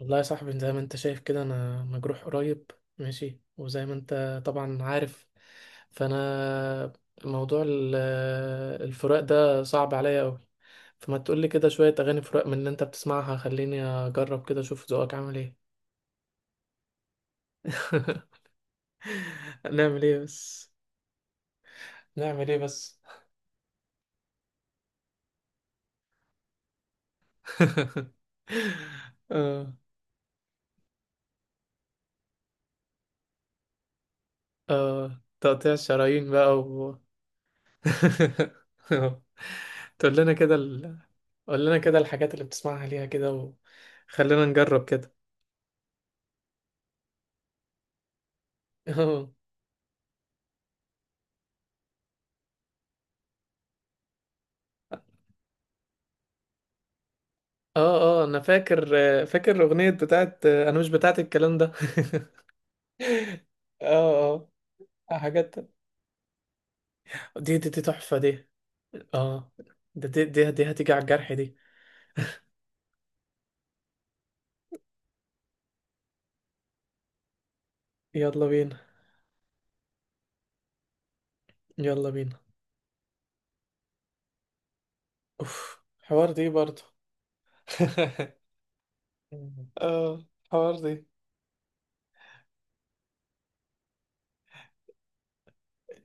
والله يا صاحبي، زي ما انت شايف كده انا مجروح قريب. ماشي، وزي ما انت طبعا عارف، فانا موضوع الفراق ده صعب عليا قوي. فما تقولي كده شوية اغاني فراق من اللي انت بتسمعها، خليني اجرب كده اشوف ذوقك عامل ايه. نعمل ايه بس؟ نعمل ايه بس؟ اه، اه، تقطيع الشرايين بقى و... تقول لنا كده قول لنا كده الحاجات اللي بتسمعها ليها كده، وخلينا نجرب كده. اه، اه، اه، انا فاكر الاغنيه بتاعت "انا مش بتاعت الكلام ده". اه، اه، حاجات. دي تحفه دي. اه، ده دي هتيجي على الجرح دي. يلا بينا، يلا بينا. اوف، حوار دي برضه. اه، حوار دي.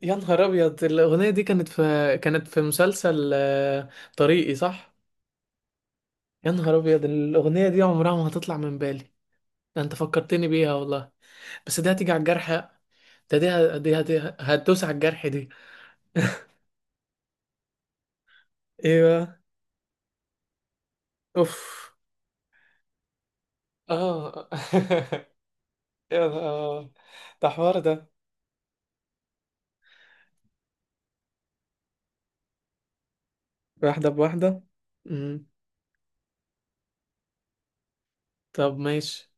يا نهار ابيض، الاغنيه دي كانت في مسلسل "طريقي"، صح. يا نهار ابيض، الاغنيه دي عمرها ما هتطلع من بالي. ده انت فكرتني بيها والله. بس دي هتيجي على الجرح ده. دي ه- دي هت- هتدوس على الجرح دي. ايوه، اوف، اه. يا ده حوار ده. واحدة بواحدة. امم طب ماشي.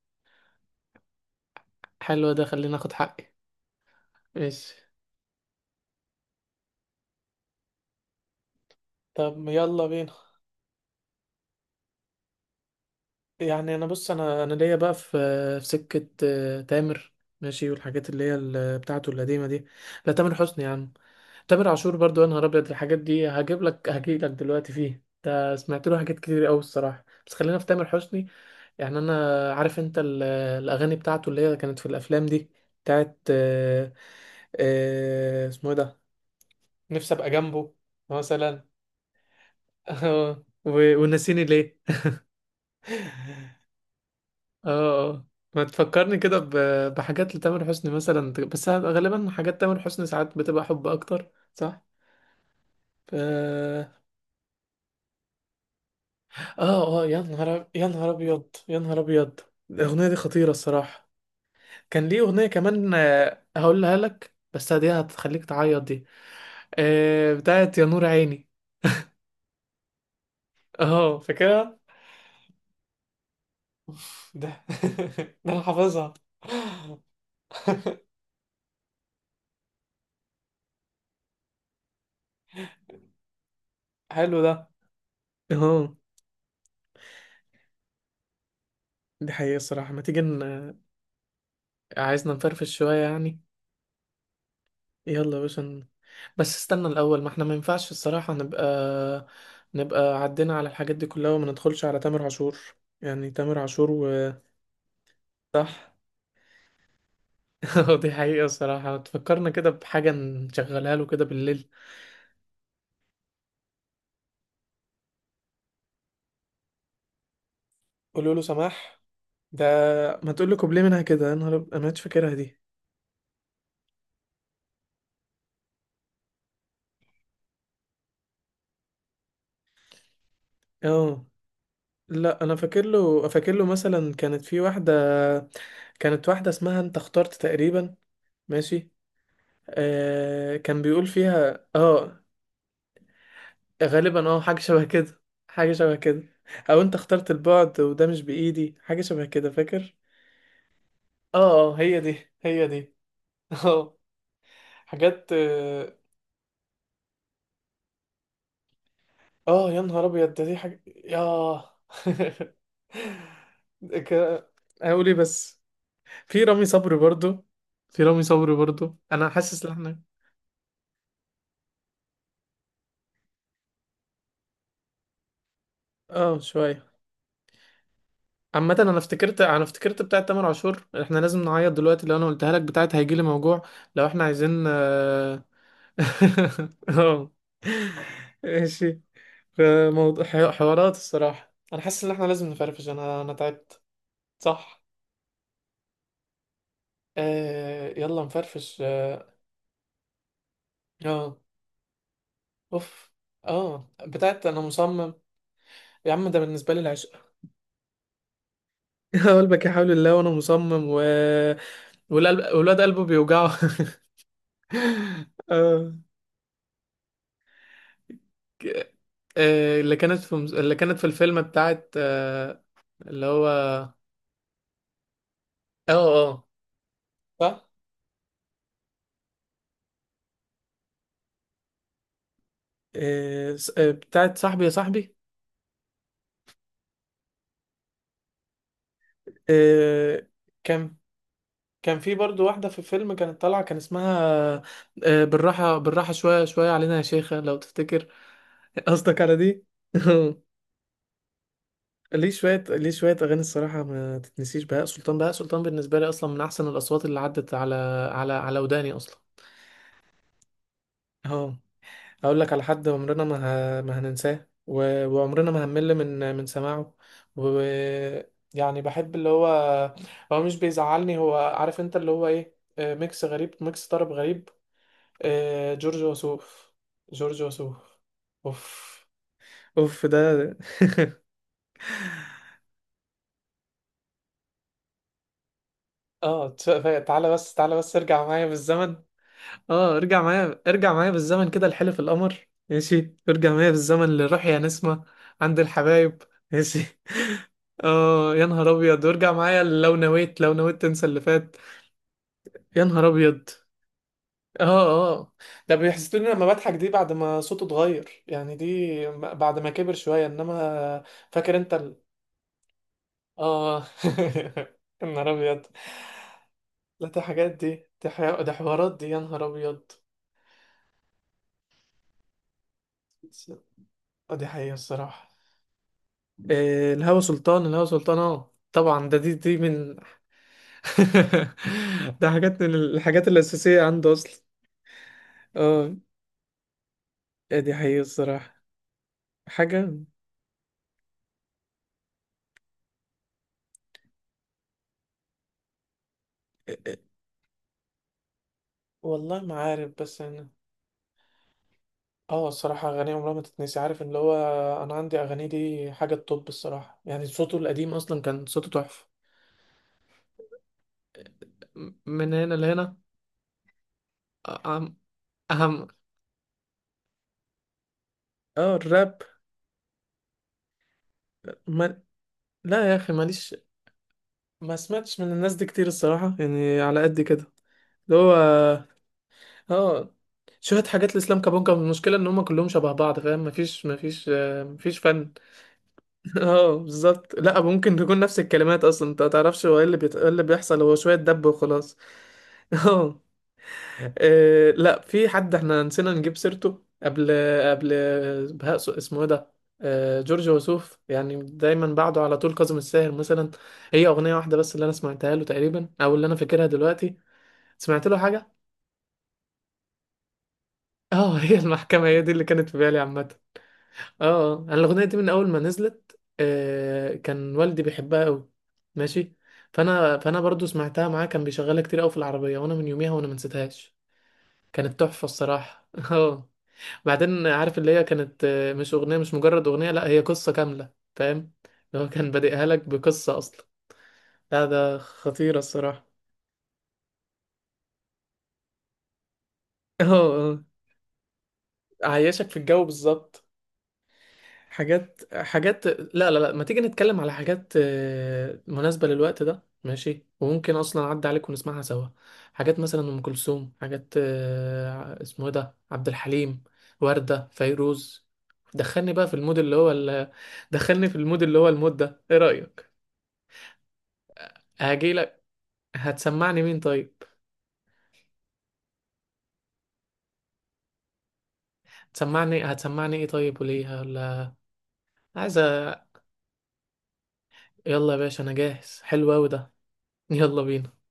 حلو ده، خلينا اخد حقي. ماشي، طب يلا بينا. يعني انا بص، انا ليا بقى في سكة تامر. ماشي، والحاجات اللي هي بتاعته القديمة دي. لا، تامر حسني يا عم. تامر عاشور برضو، يا نهار ابيض! الحاجات دي هجي لك دلوقتي فيه. ده سمعت له حاجات كتير قوي الصراحه، بس خلينا في تامر حسني. يعني انا عارف انت الاغاني بتاعته اللي هي كانت في الافلام دي، بتاعت اسمه ايه ده، "نفسي ابقى جنبه" مثلا. ونسيني ليه. اه، اه، ما تفكرني كده بحاجات لتامر حسني مثلا، بس غالبا حاجات تامر حسني ساعات بتبقى حب اكتر، صح؟ ف اه، اه. يا نهار ابيض، يا نهار ابيض! الاغنيه دي خطيره الصراحه. كان ليه اغنيه كمان، هقولها لك، بس دي هتخليك تعيط دي. بتاعت "يا نور عيني". اه، فاكرها. ده ده انا حافظها. حلو ده. اه، دي حقيقه الصراحه. ما تيجي عايزنا نفرفش شويه يعني. يلا يا باشا بس استنى الاول، ما احنا ما ينفعش الصراحه نبقى عدينا على الحاجات دي كلها وما ندخلش على تامر عاشور، يعني تامر عاشور و... صح. دي حقيقة الصراحة، تفكرنا كده بحاجة نشغلها له كده بالليل. "قولوا له سماح". ده ما تقول له كوبليه منها كده، انا مش فاكرها دي. اه، لا انا فاكر له مثلا. كانت في واحدة، كانت واحدة اسمها "انت اخترت" تقريبا. ماشي، كان بيقول فيها اه، غالبا حاجة شبه كده، حاجة شبه كده. او "انت اخترت البعد وده مش بإيدي"، حاجة شبه كده فاكر. اه، اه، هي دي، هي دي. اه، حاجات. اه، يا نهار ابيض ده، دي حاجه، ياه! ك- هقول ايه بس. في رامي صبري برضو في رامي صبري برضو، انا حاسس ان احنا، اه، شويه. عامة انا افتكرت بتاعة تامر عاشور احنا لازم نعيط دلوقتي. لو انا قلتها لك بتاعة "هيجيلي موجوع"، لو احنا عايزين اه. آه، ماشي. فموضوع حوارات الصراحة، انا حاسس ان احنا لازم نفرفش، انا تعبت. صح. يلا نفرفش، اه. آه. اوف، اه، بتاعت "انا مصمم". يا عم ده بالنسبه لي العشق. "قلبك يا حول الله"، "وانا مصمم" "والقلب"، "والواد قلبه بيوجعه". آه. ك- اللي كانت في اللي كانت في الفيلم بتاعت، اللي هو، اه، اه، صح. بتاعت "صاحبي يا صاحبي". آه، كان كان في برضو واحدة في الفيلم كانت طالعة، كان اسمها "بالراحة بالراحة، شوية شوية علينا يا شيخة"، لو تفتكر. قصدك على دي. ليه شوية أغاني الصراحة ما تتنسيش. بهاء سلطان، بهاء سلطان بالنسبة لي أصلا من أحسن الأصوات اللي عدت على وداني أصلا. أهو، أقول لك على حد عمرنا ما، ما هننساه، وعمرنا ما هنمل من سماعه و... يعني بحب اللي هو مش بيزعلني. هو عارف أنت اللي هو إيه، ميكس غريب، ميكس طرب غريب. جورج وسوف، جورج وسوف. أوف. أوف ده. اه، تعالى بس، تعالى بس ارجع معايا بالزمن. اه، ارجع معايا، ارجع معايا بالزمن كده، "لحلف القمر" ماشي، ارجع معايا بالزمن "للروح يا نسمة"، "عند الحبايب" ماشي. اه، يا نهار ابيض، "وارجع معايا لو نويت، لو نويت تنسى اللي فات". يا نهار ابيض. اه، اه، ده "بيحسدوني لما بضحك" دي بعد ما صوته اتغير يعني، دي بعد ما كبر شوية، انما، فاكر انت اه. يا نهار ابيض. لا، دي حاجات دي حوارات دي، يا نهار ابيض. دي حقيقة الصراحة. إيه، "الهوى سلطان"، "الهوى سلطان" اه طبعا، ده دي من. ده حاجات من الحاجات الأساسية عنده أصلا. اه، إيه، دي حقيقة الصراحة. حاجة، إيه، والله ما عارف بس أنا، اه، الصراحة أغانيه عمرها ما تتنسي. عارف اللي هو، أنا عندي أغانيه دي حاجة الطب الصراحة يعني. صوته القديم أصلا كان صوته تحفة. من هنا لهنا. أهم، أهم. اه، الراب، ما... لا يا أخي ماليش. ما سمعتش من الناس دي كتير الصراحة، يعني على قد كده، اللي هو، اه، شوية حاجات الاسلام كابونجا. المشكلة ان هم كلهم شبه بعض، فاهم؟ مفيش فن. اه، بالظبط. لا ممكن تكون نفس الكلمات اصلا، انت متعرفش هو ايه اللي إيه اللي بيحصل، هو شوية دب وخلاص. اه، لا، في حد احنا نسينا نجيب سيرته قبل، قبل اسمه ايه ده، جورج وسوف. يعني دايما بعده على طول كاظم الساهر مثلا. هي اغنية واحدة بس اللي انا سمعتها له تقريبا، او اللي انا فاكرها دلوقتي. سمعت له حاجة. اه، هي "المحكمة" هي دي اللي كانت في بالي عامة. اه، اه، انا الاغنيه دي من اول ما نزلت، كان والدي بيحبها قوي. ماشي، فانا برضو سمعتها معاه، كان بيشغلها كتير قوي في العربيه، وانا من يوميها وانا ما نسيتهاش. كانت تحفه الصراحه. اه. بعدين عارف اللي هي كانت، مش مجرد اغنيه، لا هي قصه كامله، فاهم؟ اللي هو كان بادئها لك بقصه اصلا. لا، ده خطيره الصراحه. اه، اه، عايشك في الجو بالظبط. حاجات لا، لا، لا، ما تيجي نتكلم على حاجات مناسبة للوقت ده ماشي، وممكن اصلا اعدي عليك ونسمعها سوا. حاجات مثلا ام كلثوم، حاجات، اسمه إيه ده، عبد الحليم، وردة، فيروز. دخلني بقى في المود اللي هو دخلني في المود اللي هو المود ده، ايه رأيك؟ هاجي لك. هتسمعني مين طيب؟ هتسمعني ايه طيب؟ وليه؟ ولا عايزة؟ يلا يا باشا انا جاهز، حلو اوي ده، يلا بينا.